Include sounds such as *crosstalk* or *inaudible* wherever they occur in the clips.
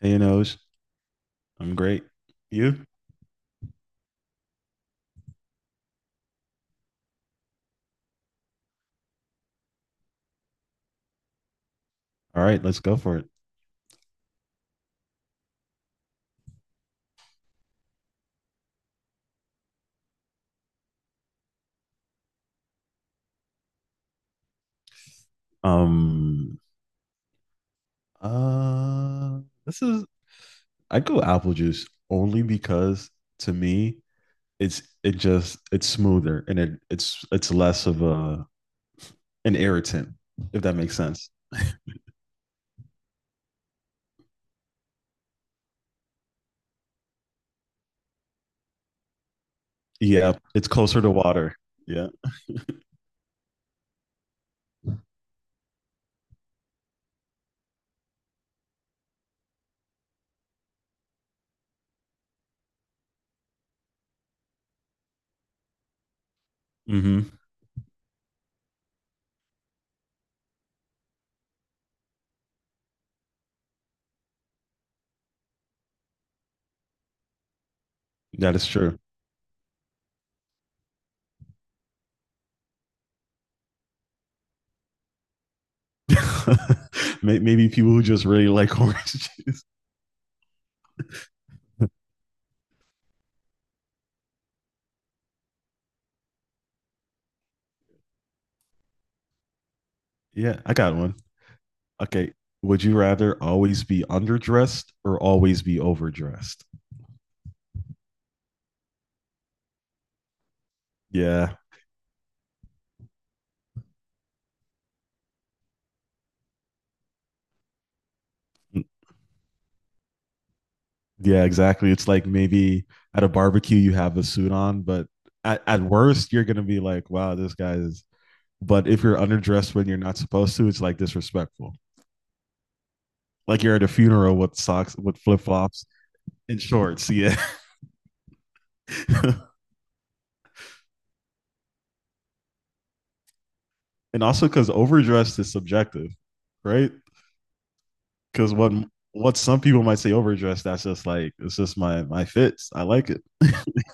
Hey, Anoj. I'm great. You? All right, let's go for it. Um, uh, this is I go apple juice only because to me it just it's smoother and it's less of a an irritant if that makes sense. Yeah, it's closer to water. Yeah. hmm That is true. *laughs* Maybe people who just really like *laughs* orange juice. Yeah, I got one. Okay. Would you rather always be underdressed or always be overdressed? Yeah. Yeah, exactly. It's like maybe at a barbecue you have a suit on, but at worst you're gonna be like, wow, this guy is but if you're underdressed when you're not supposed to, it's like disrespectful. Like you're at a funeral with socks with flip flops and shorts. Yeah. *laughs* And also because overdressed is subjective, right? Because what some people might say overdressed, that's just like it's just my fits. I like it. *laughs*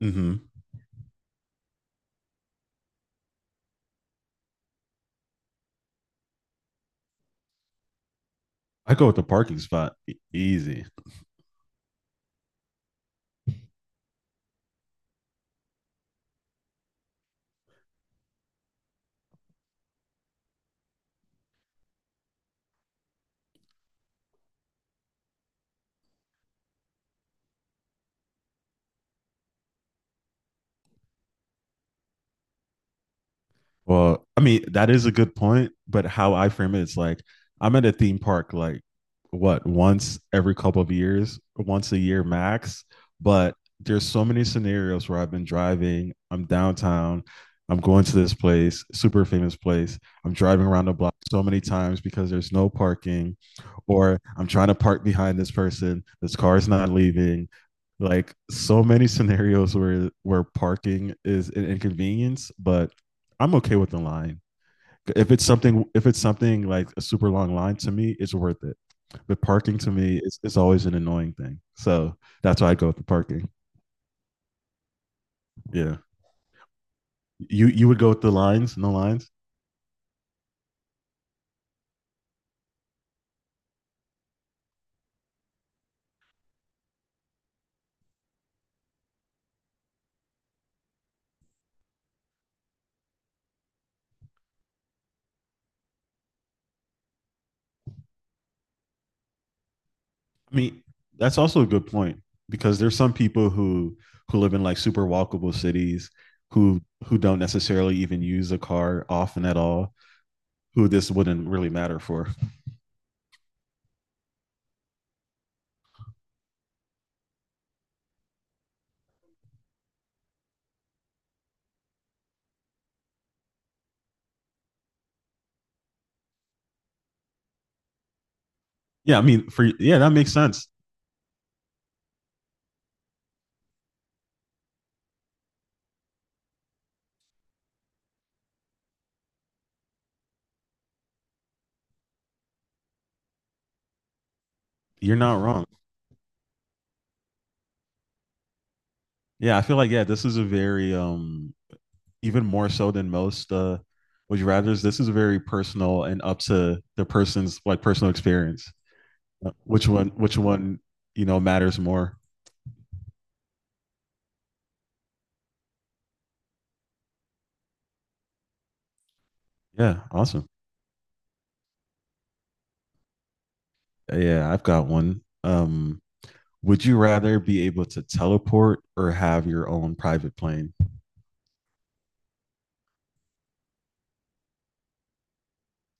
hmm I go with the parking spot, easy. Well, I mean, that is a good point, but how I frame it is like I'm at a theme park like what, once every couple of years, once a year max. But there's so many scenarios where I've been driving, I'm downtown, I'm going to this place, super famous place. I'm driving around the block so many times because there's no parking, or I'm trying to park behind this person, this car is not leaving. Like so many scenarios where parking is an inconvenience, but I'm okay with the line. If it's something like a super long line, to me, it's worth it. But parking to me is always an annoying thing. So that's why I go with the parking. Yeah. You would go with the lines, no lines. I mean, that's also a good point because there's some people who live in like super walkable cities who don't necessarily even use a car often at all, who this wouldn't really matter for. Yeah, I mean, for yeah, that makes sense. You're not wrong. Yeah, I feel like, yeah, this is a very even more so than most, would you rather's. This is very personal and up to the person's like personal experience. Which one? Which one? You know, matters more. Yeah, awesome. Yeah, I've got one. Would you rather be able to teleport or have your own private plane?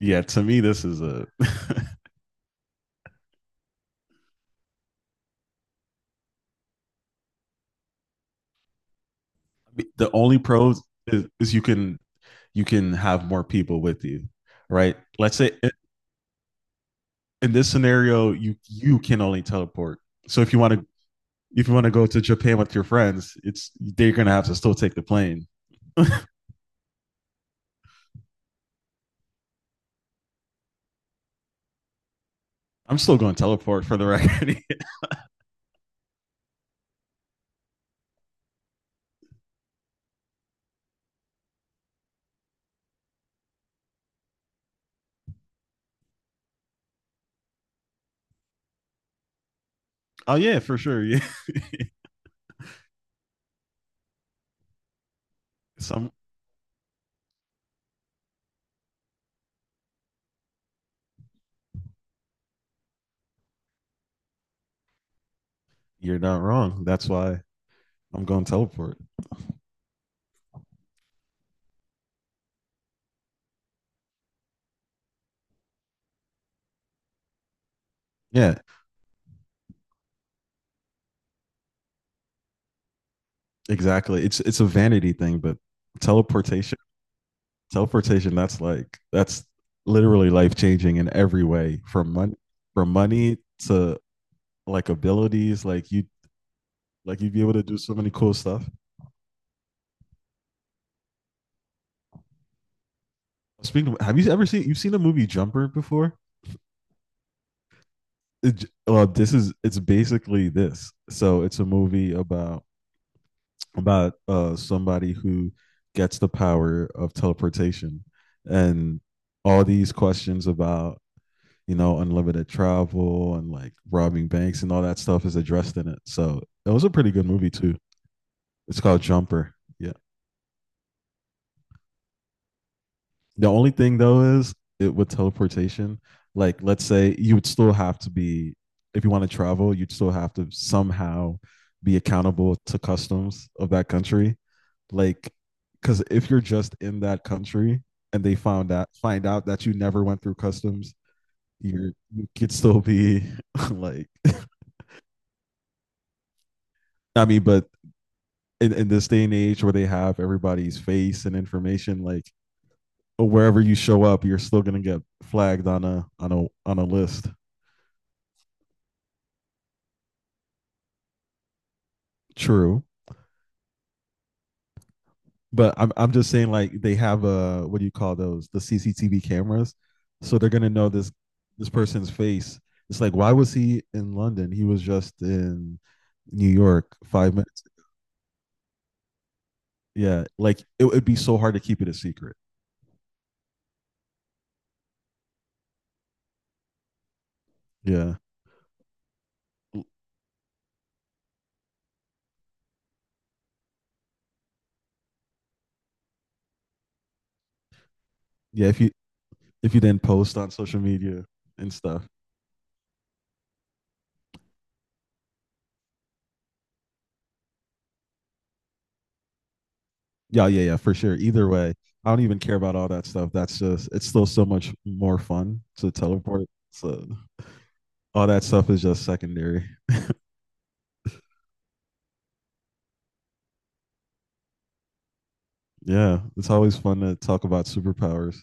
Yeah, to me, this is a the only pros is you can have more people with you, right? Let's say in this scenario, you can only teleport. So if you want to go to Japan with your friends, it's they're gonna have to still take the plane. I'm still going to teleport, for the record. *laughs* Oh yeah, for sure. Yeah, some you're not wrong. That's why I'm going to teleport. Yeah, exactly. It's a vanity thing, but teleportation, teleportation. That's like that's literally life changing in every way. From money to like abilities. Like you'd be able to do so many cool stuff. Speaking of, have you ever seen, you've seen the movie Jumper before? It Well, this is, it's basically this, so it's a movie about somebody who gets the power of teleportation, and all these questions about, you know, unlimited travel and like robbing banks and all that stuff is addressed in it, so it was a pretty good movie too. It's called Jumper, yeah. The only thing though is, it with teleportation, like let's say you would still have to be, if you want to travel, you'd still have to somehow be accountable to customs of that country. Like because if you're just in that country and they found out find out that you never went through customs, you're, you could still be *laughs* like I mean, but in this day and age where they have everybody's face and information, like wherever you show up, you're still gonna get flagged on a list. True, but I'm just saying like they have a, what do you call those, the CCTV cameras, so they're gonna know this person's face. It's like why was he in London? He was just in New York five minutes. Yeah, like it would be so hard to keep it a secret. Yeah, yeah. If you didn't post on social media and stuff. Yeah, yeah, yeah, for sure. Either way, I don't even care about all that stuff. That's just it's still so much more fun to teleport. So all that stuff is just secondary. Yeah, it's always fun to talk about superpowers.